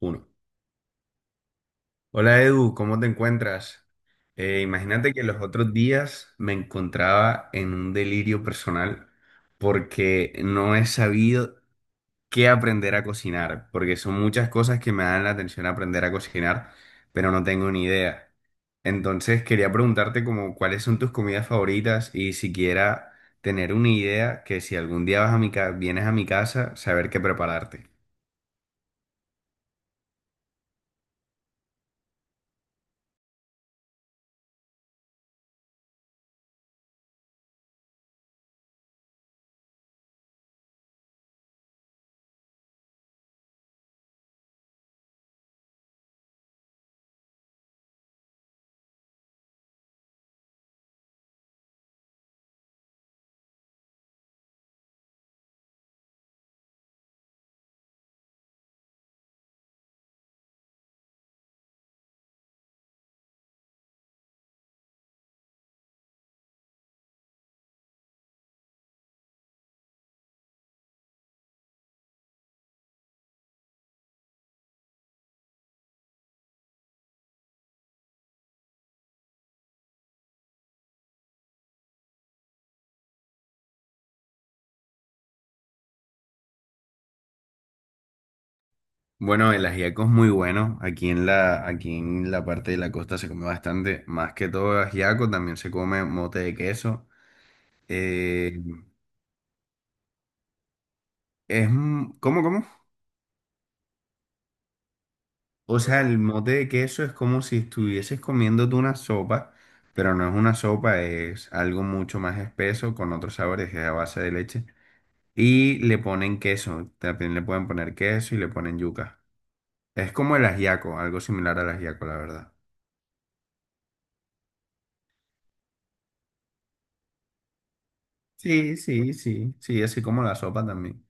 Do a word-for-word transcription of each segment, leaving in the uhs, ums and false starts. Uno. Hola Edu, ¿cómo te encuentras? Eh, imagínate que los otros días me encontraba en un delirio personal porque no he sabido qué aprender a cocinar, porque son muchas cosas que me dan la atención aprender a cocinar, pero no tengo ni idea. Entonces quería preguntarte como cuáles son tus comidas favoritas y siquiera tener una idea que si algún día vas a mi ca- vienes a mi casa, saber qué prepararte. Bueno, el ajiaco es muy bueno. Aquí en la, aquí en la parte de la costa se come bastante. Más que todo ajiaco, también se come mote de queso. Eh, es, un- ¿cómo, cómo? O sea, el mote de queso es como si estuvieses comiéndote una sopa, pero no es una sopa, es algo mucho más espeso con otros sabores, es a base de leche. Y le ponen queso, también le pueden poner queso y le ponen yuca. Es como el ajiaco, algo similar al ajiaco, la verdad. Sí, sí, sí, sí, así como la sopa también.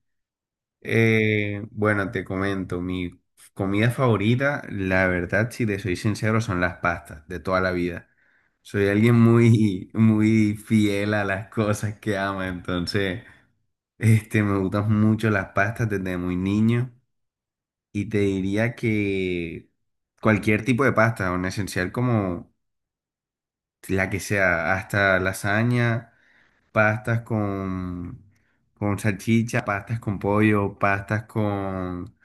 Eh, bueno, te comento, mi comida favorita, la verdad, si te soy sincero, son las pastas de toda la vida. Soy alguien muy, muy fiel a las cosas que ama, entonces, este, me gustan mucho las pastas desde muy niño y te diría que cualquier tipo de pasta, un esencial como la que sea, hasta lasaña pastas con, con salchicha, pastas con pollo, pastas con,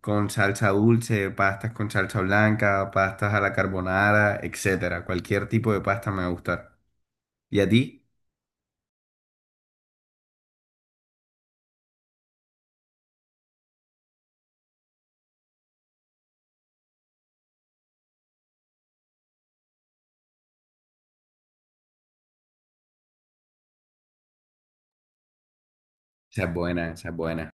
con salsa dulce, pastas con salsa blanca, pastas a la carbonara, etcétera. Cualquier tipo de pasta me va a gustar. ¿Y a ti? Esa es buena, esa es buena.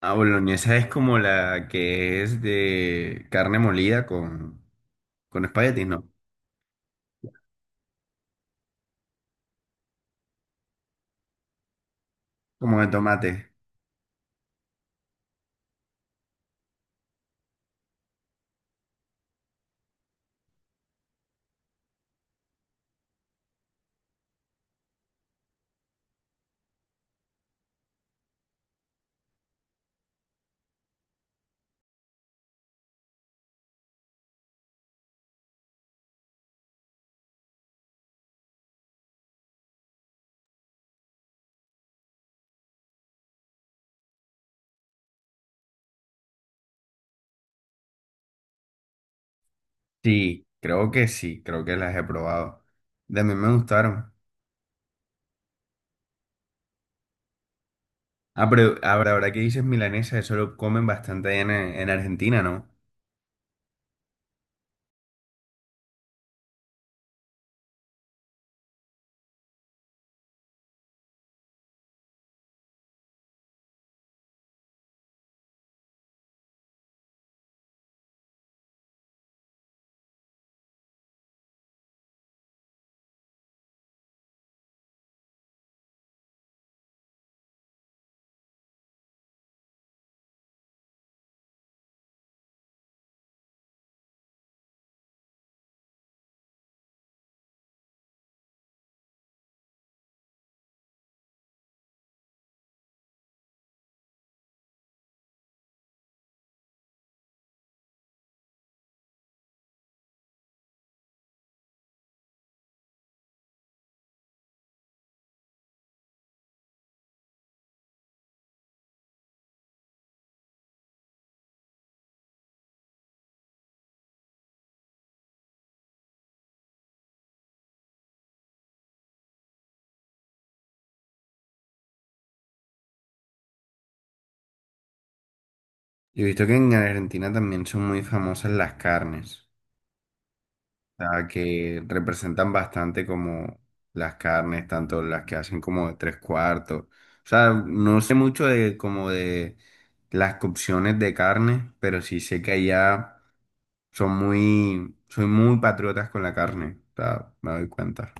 Ah, boloñesa es como la que es de carne molida con, con espaguetis, ¿no? Como de tomate. Sí, creo que sí, creo que las he probado. De mí me gustaron. Ah, pero ahora, ahora que dices milanesa, eso lo comen bastante allá en, en Argentina, ¿no? Yo he visto que en Argentina también son muy famosas las carnes, o sea, que representan bastante como las carnes, tanto las que hacen como de tres cuartos. O sea, no sé mucho de como de las cocciones de carne, pero sí sé que allá son muy, son muy patriotas con la carne, o sea, me doy cuenta.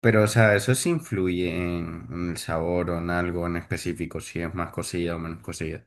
Pero, o sea, eso sí influye en, en el sabor o en algo en específico, si es más cocida o menos cocida.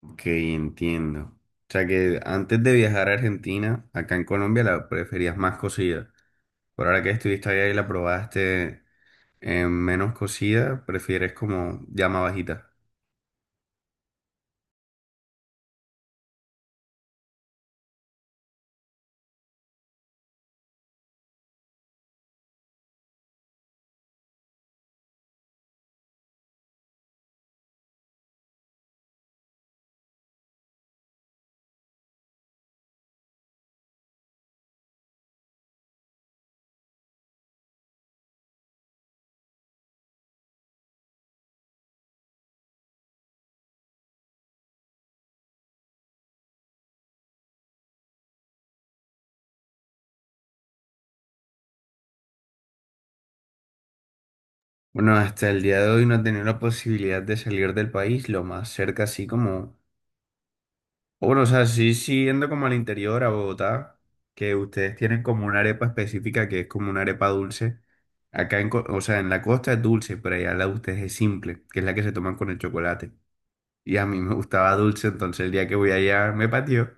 Ok, entiendo. O sea que antes de viajar a Argentina, acá en Colombia la preferías más cocida. Por ahora que estuviste allá y la probaste eh, menos cocida, prefieres como llama bajita. Bueno, hasta el día de hoy no he tenido la posibilidad de salir del país. Lo más cerca, así como bueno, o sea, sí, sí, yendo como al interior, a Bogotá, que ustedes tienen como una arepa específica que es como una arepa dulce. Acá, en, co- o sea, en la costa es dulce, pero allá la de ustedes es simple, que es la que se toman con el chocolate. Y a mí me gustaba dulce, entonces el día que voy allá me pateó.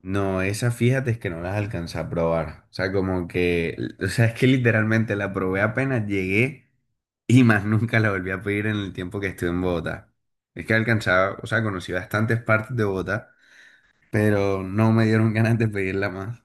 No, esas fíjate es que no las alcancé a probar. O sea, como que, o sea, es que literalmente la probé apenas llegué y más nunca la volví a pedir en el tiempo que estuve en Bogotá. Es que alcanzaba, o sea, conocí bastantes partes de Bogotá pero no me dieron ganas de pedirla más.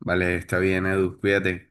Vale, está bien, Edu, cuídate.